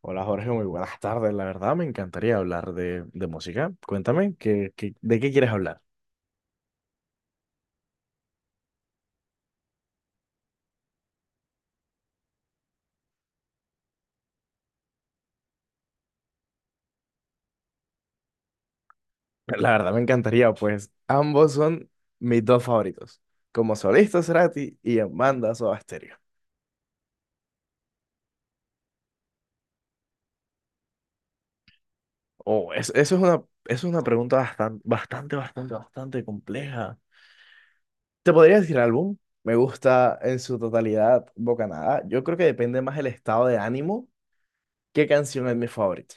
Hola Jorge, muy buenas tardes. La verdad me encantaría hablar de música. Cuéntame, ¿ de qué quieres hablar? La verdad me encantaría, pues ambos son mis dos favoritos. Como solista Cerati y en banda Soda Stereo. Eso es una, eso es una pregunta bastante compleja. ¿Te podría decir álbum? Me gusta en su totalidad Bocanada. Yo creo que depende más el estado de ánimo. ¿Qué canción es mi favorita?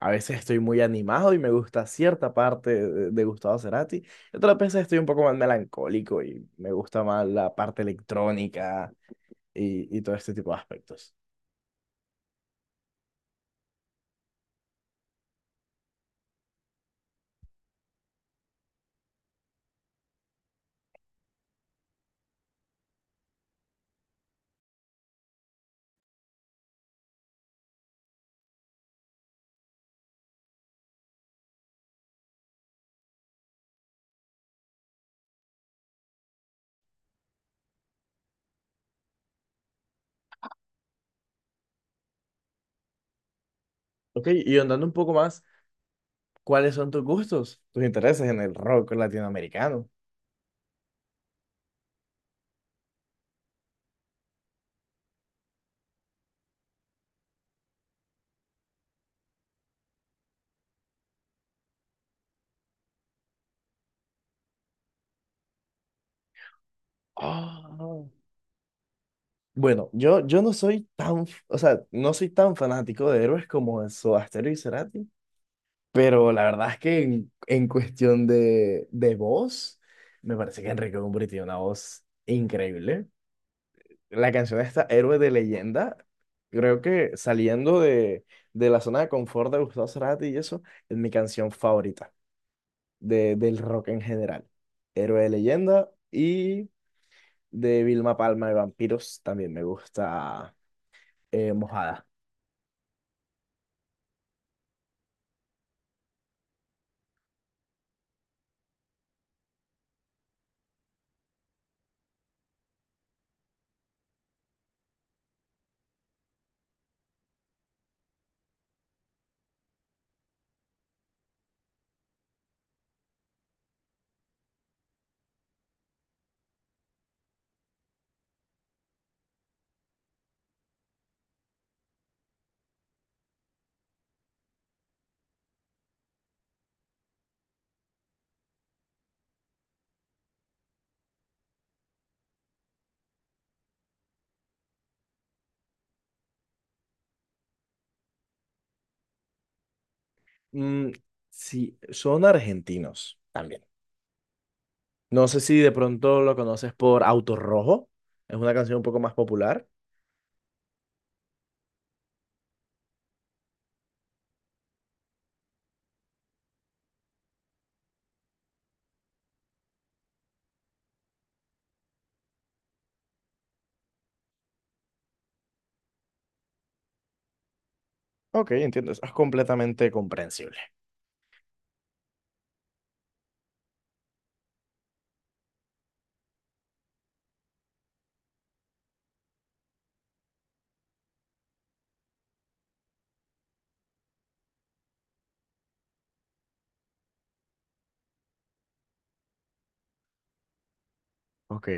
A veces estoy muy animado y me gusta cierta parte de Gustavo Cerati. Y otras veces estoy un poco más melancólico y me gusta más la parte electrónica y todo este tipo de aspectos. Ok, y andando un poco más, ¿cuáles son tus gustos, tus intereses en el rock latinoamericano? Ah, bueno, yo no soy tan, o sea, no soy tan fanático de héroes como de Soda Stereo y Cerati. Pero la verdad es que en cuestión de voz, me parece que Enrique Bunbury tiene una voz increíble. La canción esta, Héroe de Leyenda, creo que saliendo de la zona de confort de Gustavo Cerati y eso, es mi canción favorita del rock en general. Héroe de Leyenda y de Vilma Palma de Vampiros también me gusta Mojada. Mm, sí, son argentinos también. No sé si de pronto lo conoces por Auto Rojo. Es una canción un poco más popular. Ok, entiendo. Eso es completamente comprensible. Ok.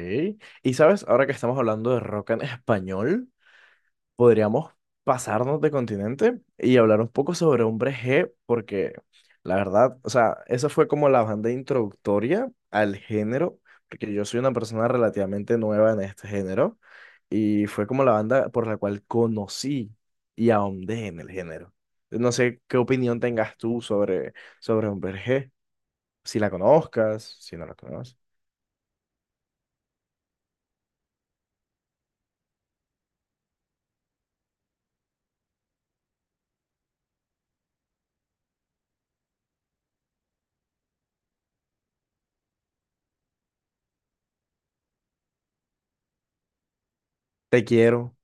Y sabes, ahora que estamos hablando de rock en español, podríamos pasarnos de continente y hablar un poco sobre Hombre G, porque la verdad, o sea, esa fue como la banda introductoria al género, porque yo soy una persona relativamente nueva en este género y fue como la banda por la cual conocí y ahondé en el género. No sé qué opinión tengas tú sobre, sobre Hombre G, si la conozcas, si no la conoces. Te quiero.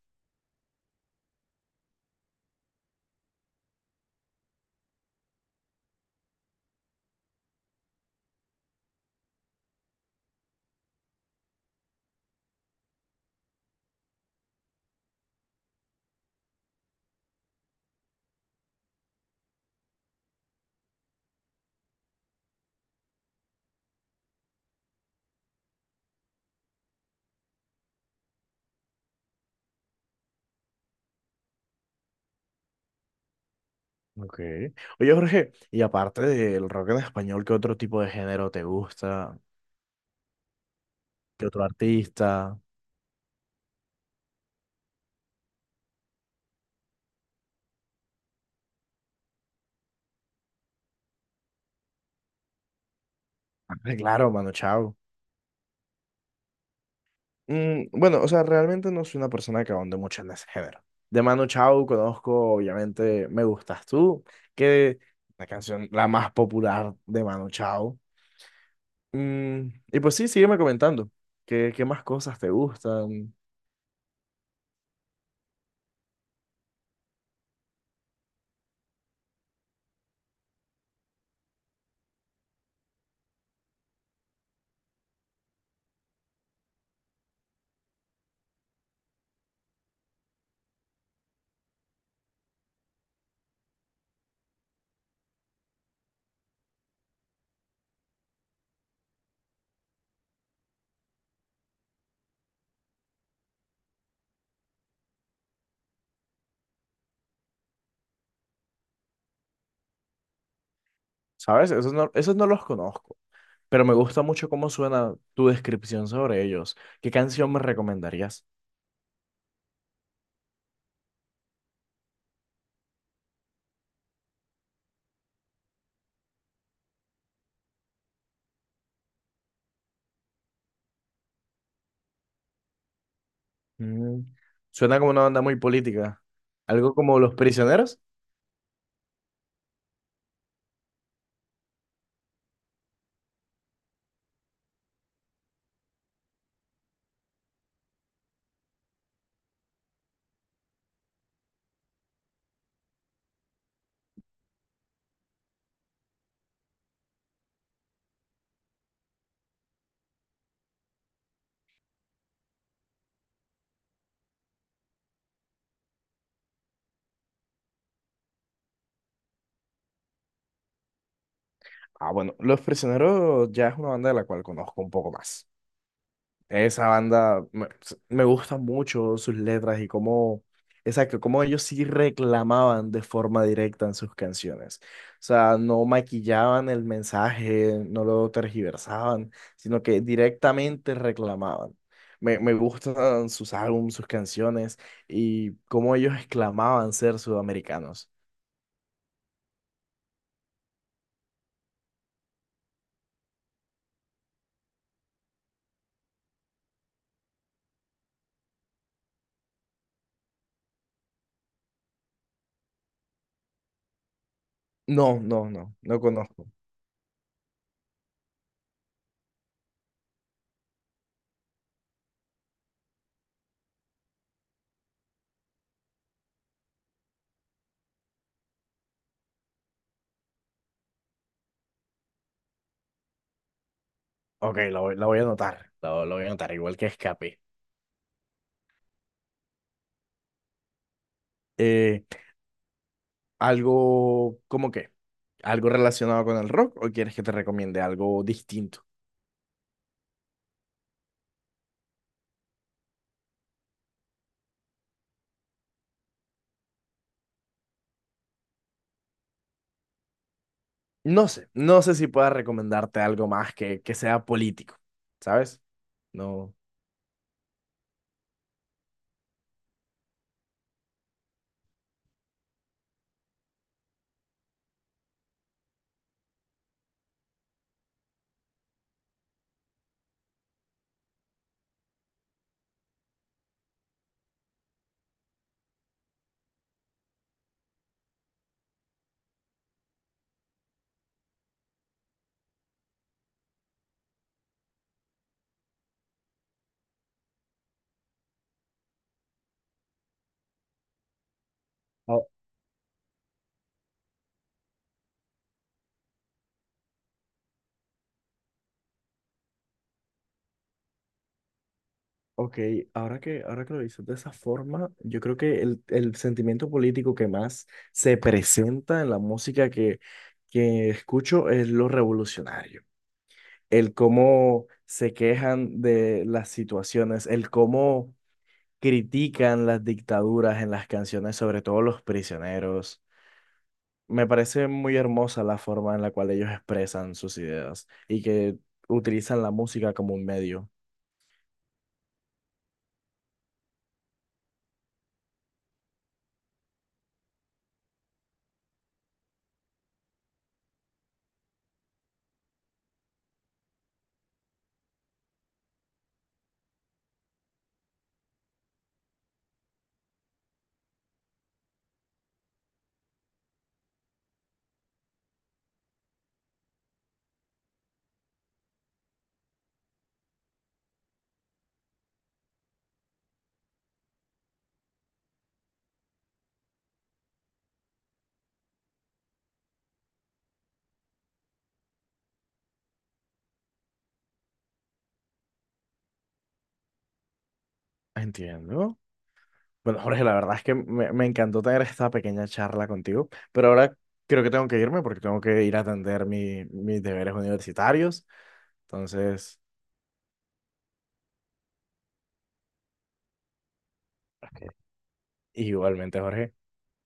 Ok. Oye, Jorge, y aparte del rock en español, ¿qué otro tipo de género te gusta? Que otro artista? Ah, claro, Mano Chao. Mm, bueno, o sea, realmente no soy una persona que ahonde mucho en ese género. De Mano Chao conozco, obviamente, Me Gustas Tú, que la canción la más popular de Mano Chao. Mm, y pues sí, sígueme comentando. ¿Qué, qué más cosas te gustan? ¿Sabes? Esos no los conozco, pero me gusta mucho cómo suena tu descripción sobre ellos. ¿Qué canción me recomendarías? Mm, suena como una banda muy política. ¿Algo como Los Prisioneros? Ah, bueno, Los Prisioneros ya es una banda de la cual conozco un poco más. Esa banda me, me gusta mucho sus letras y cómo, exacto, cómo ellos sí reclamaban de forma directa en sus canciones. O sea, no maquillaban el mensaje, no lo tergiversaban, sino que directamente reclamaban. Me gustan sus álbumes, sus canciones y cómo ellos exclamaban ser sudamericanos. No, no, no, no conozco. Ok, la voy a anotar. La voy a anotar, igual que Escape. Eh, algo, ¿cómo qué? ¿Algo relacionado con el rock o quieres que te recomiende algo distinto? No sé, no sé si pueda recomendarte algo más que sea político, ¿sabes? No. Oh, ok, ahora que lo dices de esa forma, yo creo que el sentimiento político que más se presenta en la música que escucho es lo revolucionario. El cómo se quejan de las situaciones, el cómo critican las dictaduras en las canciones, sobre todo Los Prisioneros. Me parece muy hermosa la forma en la cual ellos expresan sus ideas y que utilizan la música como un medio. Entiendo. Bueno, Jorge, la verdad es que me encantó tener esta pequeña charla contigo, pero ahora creo que tengo que irme porque tengo que ir a atender mis deberes universitarios. Entonces, ok. Igualmente, Jorge.